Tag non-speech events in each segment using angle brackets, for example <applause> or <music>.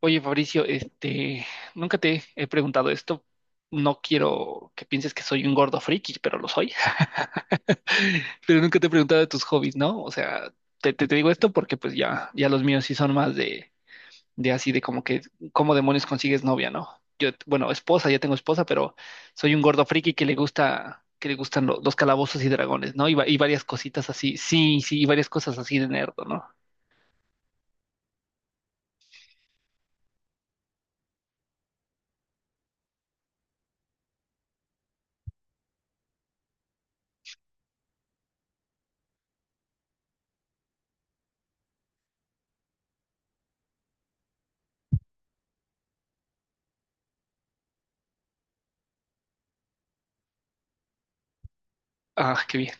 Oye, Fabricio, nunca te he preguntado esto. No quiero que pienses que soy un gordo friki, pero lo soy. <laughs> Pero nunca te he preguntado de tus hobbies, ¿no? O sea, te digo esto porque pues ya los míos sí son más de así de como que, ¿cómo demonios consigues novia, no? Yo, bueno, esposa, ya tengo esposa, pero soy un gordo friki que le gusta, que le gustan los calabozos y dragones, ¿no? Y, y varias cositas así, sí, sí, y varias cosas así de nerd, ¿no? Ah, qué bien.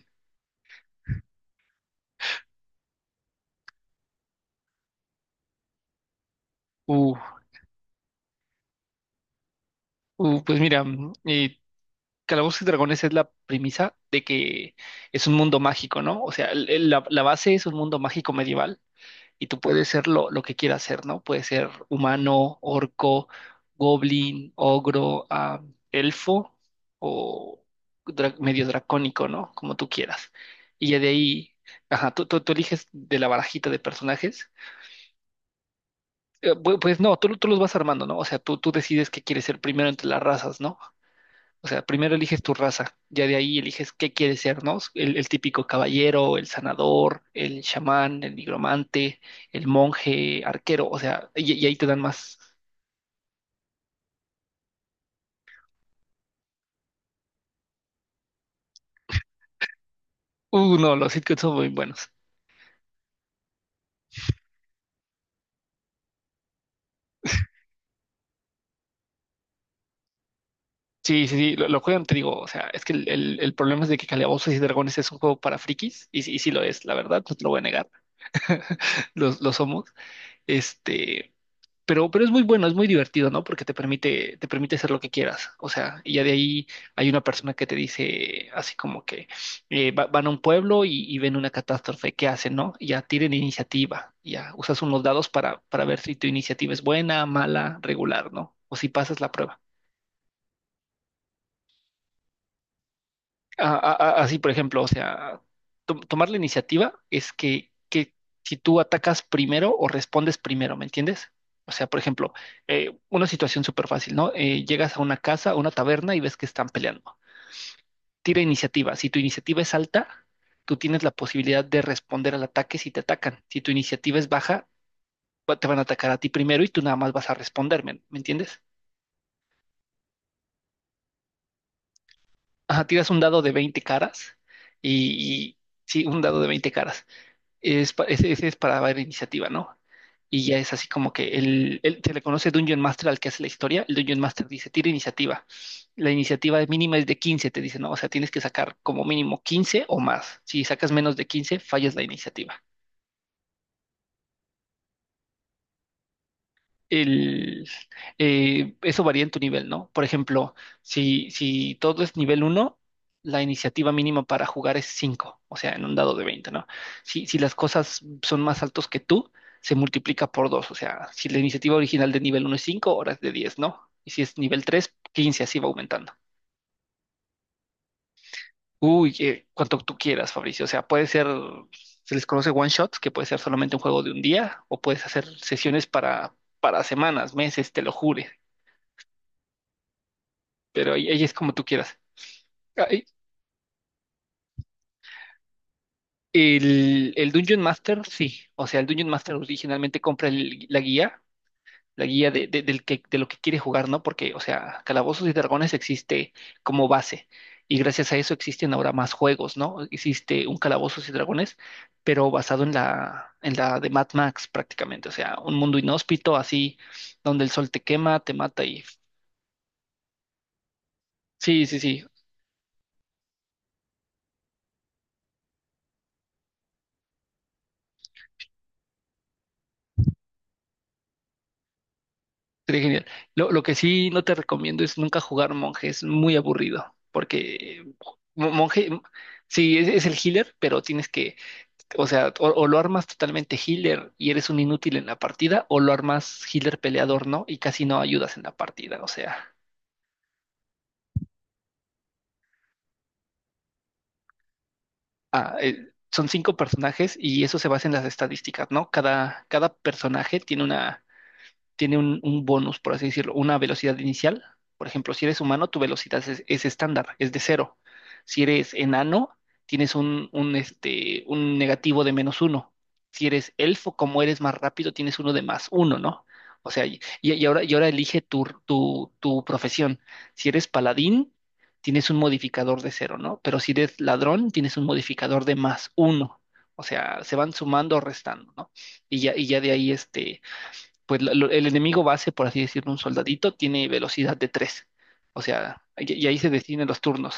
Uh, pues mira, eh, Calabozos y Dragones es la premisa de que es un mundo mágico, ¿no? O sea, la base es un mundo mágico medieval y tú puedes ser lo que quieras ser, ¿no? Puedes ser humano, orco, goblin, ogro, elfo o medio dracónico, ¿no? Como tú quieras. Y ya de ahí, ajá, tú eliges de la barajita de personajes. Pues no, tú los vas armando, ¿no? O sea, tú decides qué quieres ser primero entre las razas, ¿no? O sea, primero eliges tu raza, ya de ahí eliges qué quieres ser, ¿no? El típico caballero, el sanador, el chamán, el nigromante, el monje, arquero, o sea, y ahí te dan más. No, los sitcoms son muy buenos. Sí, sí, sí, lo juegan, te digo, o sea, es que el problema es de que Calabozos y Dragones es un juego para frikis, y sí lo es, la verdad, no te lo voy a negar, <laughs> los lo somos. Este, pero es muy bueno, es muy divertido, ¿no? Porque te permite hacer lo que quieras. O sea, y ya de ahí hay una persona que te dice así como que van a un pueblo y ven una catástrofe, ¿qué hacen, no? Y ya tiren iniciativa, y ya usas unos dados para ver si tu iniciativa es buena, mala, regular, ¿no? O si pasas la prueba. a- a- así, por ejemplo, o sea, tomar la iniciativa es que si tú atacas primero o respondes primero, ¿me entiendes? O sea, por ejemplo, una situación súper fácil, ¿no? Llegas a una casa, a una taberna y ves que están peleando. Tira iniciativa. Si tu iniciativa es alta, tú tienes la posibilidad de responder al ataque si te atacan. Si tu iniciativa es baja, te van a atacar a ti primero y tú nada más vas a responderme, ¿me entiendes? Ajá, tiras un dado de 20 caras y sí, un dado de 20 caras. Es, ese es para ver iniciativa, ¿no? Y ya es así como que se le conoce Dungeon Master al que hace la historia. El Dungeon Master dice, tira iniciativa. La iniciativa mínima es de 15, te dice, ¿no? O sea, tienes que sacar como mínimo 15 o más. Si sacas menos de 15 fallas la iniciativa. el, Eso varía en tu nivel, ¿no? Por ejemplo, si todo es nivel uno, la iniciativa mínima para jugar es 5, o sea, en un dado de 20, ¿no? Si las cosas son más altos que tú, se multiplica por 2, o sea, si la iniciativa original de nivel uno es 5, ahora es de 10, ¿no? Y si es nivel 3, 15, así va aumentando. Uy, cuanto tú quieras, Fabricio, o sea, puede ser, se les conoce one shots, que puede ser solamente un juego de un día, o puedes hacer sesiones para semanas, meses, te lo jure. Pero ahí es como tú quieras. Ahí- el Dungeon Master, sí. O sea, el Dungeon Master originalmente compra la guía de lo que quiere jugar, ¿no? Porque, o sea, Calabozos y Dragones existe como base. Y gracias a eso existen ahora más juegos, ¿no? Existe un Calabozos y Dragones, pero basado en la de Mad Max prácticamente. O sea, un mundo inhóspito así, donde el sol te quema, te mata y... Sí, sí, sí. Sería genial. Lo que sí no te recomiendo es nunca jugar monje, es muy aburrido, porque eh, monje, sí, es el healer, pero tienes que, o sea, o lo armas totalmente healer y eres un inútil en la partida, o lo armas healer peleador, ¿no? Y casi no ayudas en la partida, o sea, son cinco personajes y eso se basa en las estadísticas, ¿no? Cada personaje tiene una... tiene un bonus, por así decirlo, una velocidad inicial. Por ejemplo, si eres humano, tu velocidad es estándar, es de cero. Si eres enano, tienes un negativo de menos uno. Si eres elfo, como eres más rápido, tienes uno de más uno, ¿no? O sea, y ahora elige tu profesión. Si eres paladín, tienes un modificador de cero, ¿no? Pero si eres ladrón, tienes un modificador de más uno. O sea, se van sumando o restando, ¿no? Y ya de ahí, pues el enemigo base, por así decirlo, un soldadito, tiene velocidad de 3. O sea, y ahí se definen los turnos.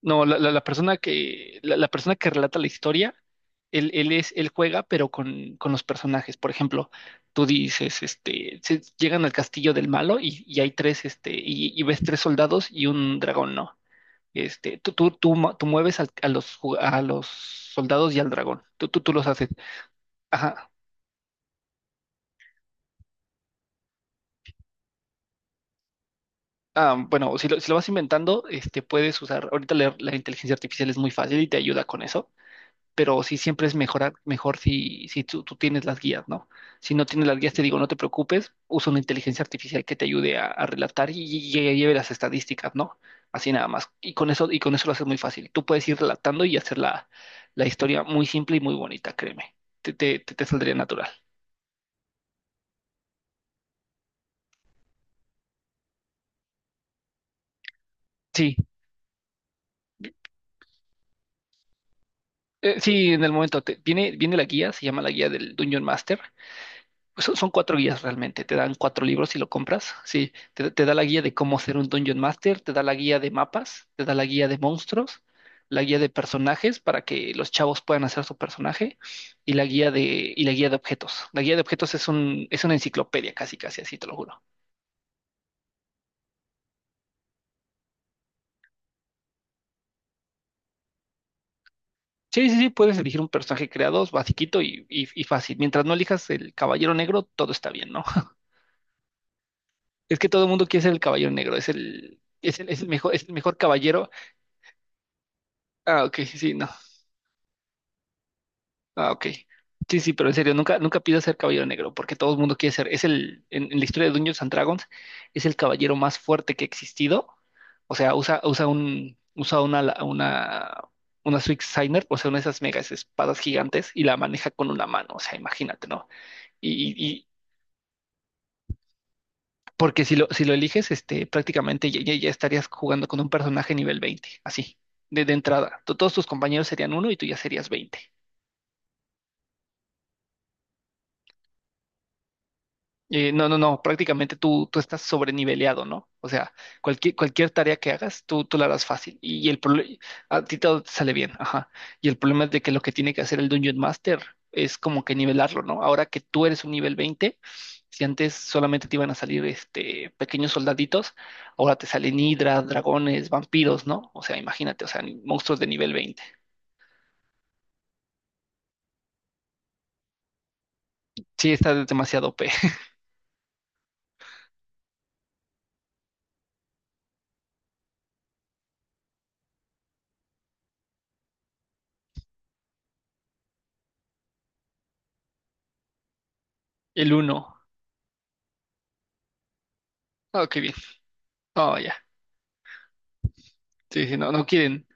No, la, la persona que relata la historia, él juega, pero con los personajes. Por ejemplo, tú dices, llegan al castillo del malo y hay tres, y ves tres soldados y un dragón, ¿no? Tú mueves a los, a los soldados y al dragón. Tú los haces. Ajá. Ah, bueno, si si lo vas inventando, puedes usar, ahorita la inteligencia artificial es muy fácil y te ayuda con eso, pero sí siempre mejor si tú tienes las guías, ¿no? Si no tienes las guías, te digo, no te preocupes, usa una inteligencia artificial que te ayude a relatar y, y lleve las estadísticas, ¿no? Así nada más. Y con eso lo haces muy fácil. Tú puedes ir relatando y hacer la historia muy simple y muy bonita, créeme. Te saldría natural. Sí, sí, en el momento viene, viene la guía, se llama la guía del Dungeon Master. Son cuatro guías realmente, te dan cuatro libros si lo compras, sí, te da la guía de cómo ser un Dungeon Master, te da la guía de mapas, te da la guía de monstruos, la guía de personajes para que los chavos puedan hacer su personaje y la guía de, y la guía de objetos. La guía de objetos es un, es una enciclopedia casi, casi así, te lo juro. Sí, sí, sí, puedes elegir un personaje creado, basiquito y fácil. Mientras no elijas el caballero negro, todo está bien, ¿no? <laughs> Es que todo el mundo quiere ser el caballero negro, es es el mejor caballero. Ah, ok, sí, sí, no. Ah, ok. Sí, sí, pero en serio, nunca, nunca pidas ser caballero negro, porque todo el mundo quiere ser. Es en la historia de Dungeons and Dragons, es el caballero más fuerte que ha existido. O sea, usa una, una Schwarzenegger, o sea, una de esas megas espadas gigantes, y la maneja con una mano. O sea, imagínate, ¿no? Y, y, y- porque si lo eliges, prácticamente ya estarías jugando con un personaje nivel 20, así, de entrada. Todos tus compañeros serían uno y tú ya serías 20. No, no, no, prácticamente tú estás sobreniveleado, ¿no? O sea, cualquier tarea que hagas, tú la harás fácil y el problema, a ti todo te sale bien, ajá. Y el problema es de que lo que tiene que hacer el Dungeon Master es como que nivelarlo, ¿no? Ahora que tú eres un nivel 20, si antes solamente te iban a salir este, pequeños soldaditos, ahora te salen hidras, dragones, vampiros, ¿no? O sea, imagínate, o sea, monstruos de nivel 20. Sí, está demasiado OP. <laughs> El uno. Ah, qué bien. Ah, ya. Sí, sí, no, no quieren.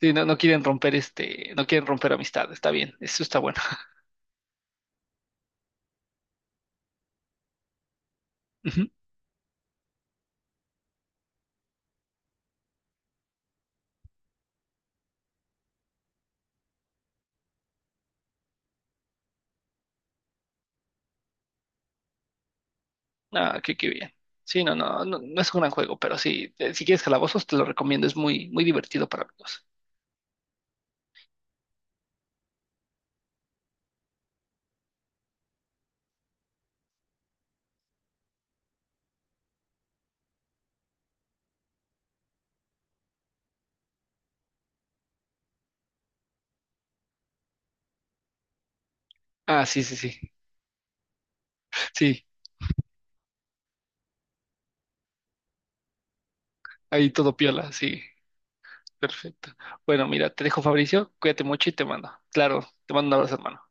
Sí, no, no quieren no quieren romper amistad, está bien, eso está bueno. <laughs> Ujú. Ah, qué bien. Sí, no, no, no, no es un gran juego, pero sí, si quieres calabozos, te lo recomiendo, es muy, muy divertido para amigos. Ah, sí, sí, sí, sí, ahí todo piola, sí, perfecto. Bueno, mira, te dejo Fabricio, cuídate mucho y te mando. Claro, te mando un abrazo, hermano.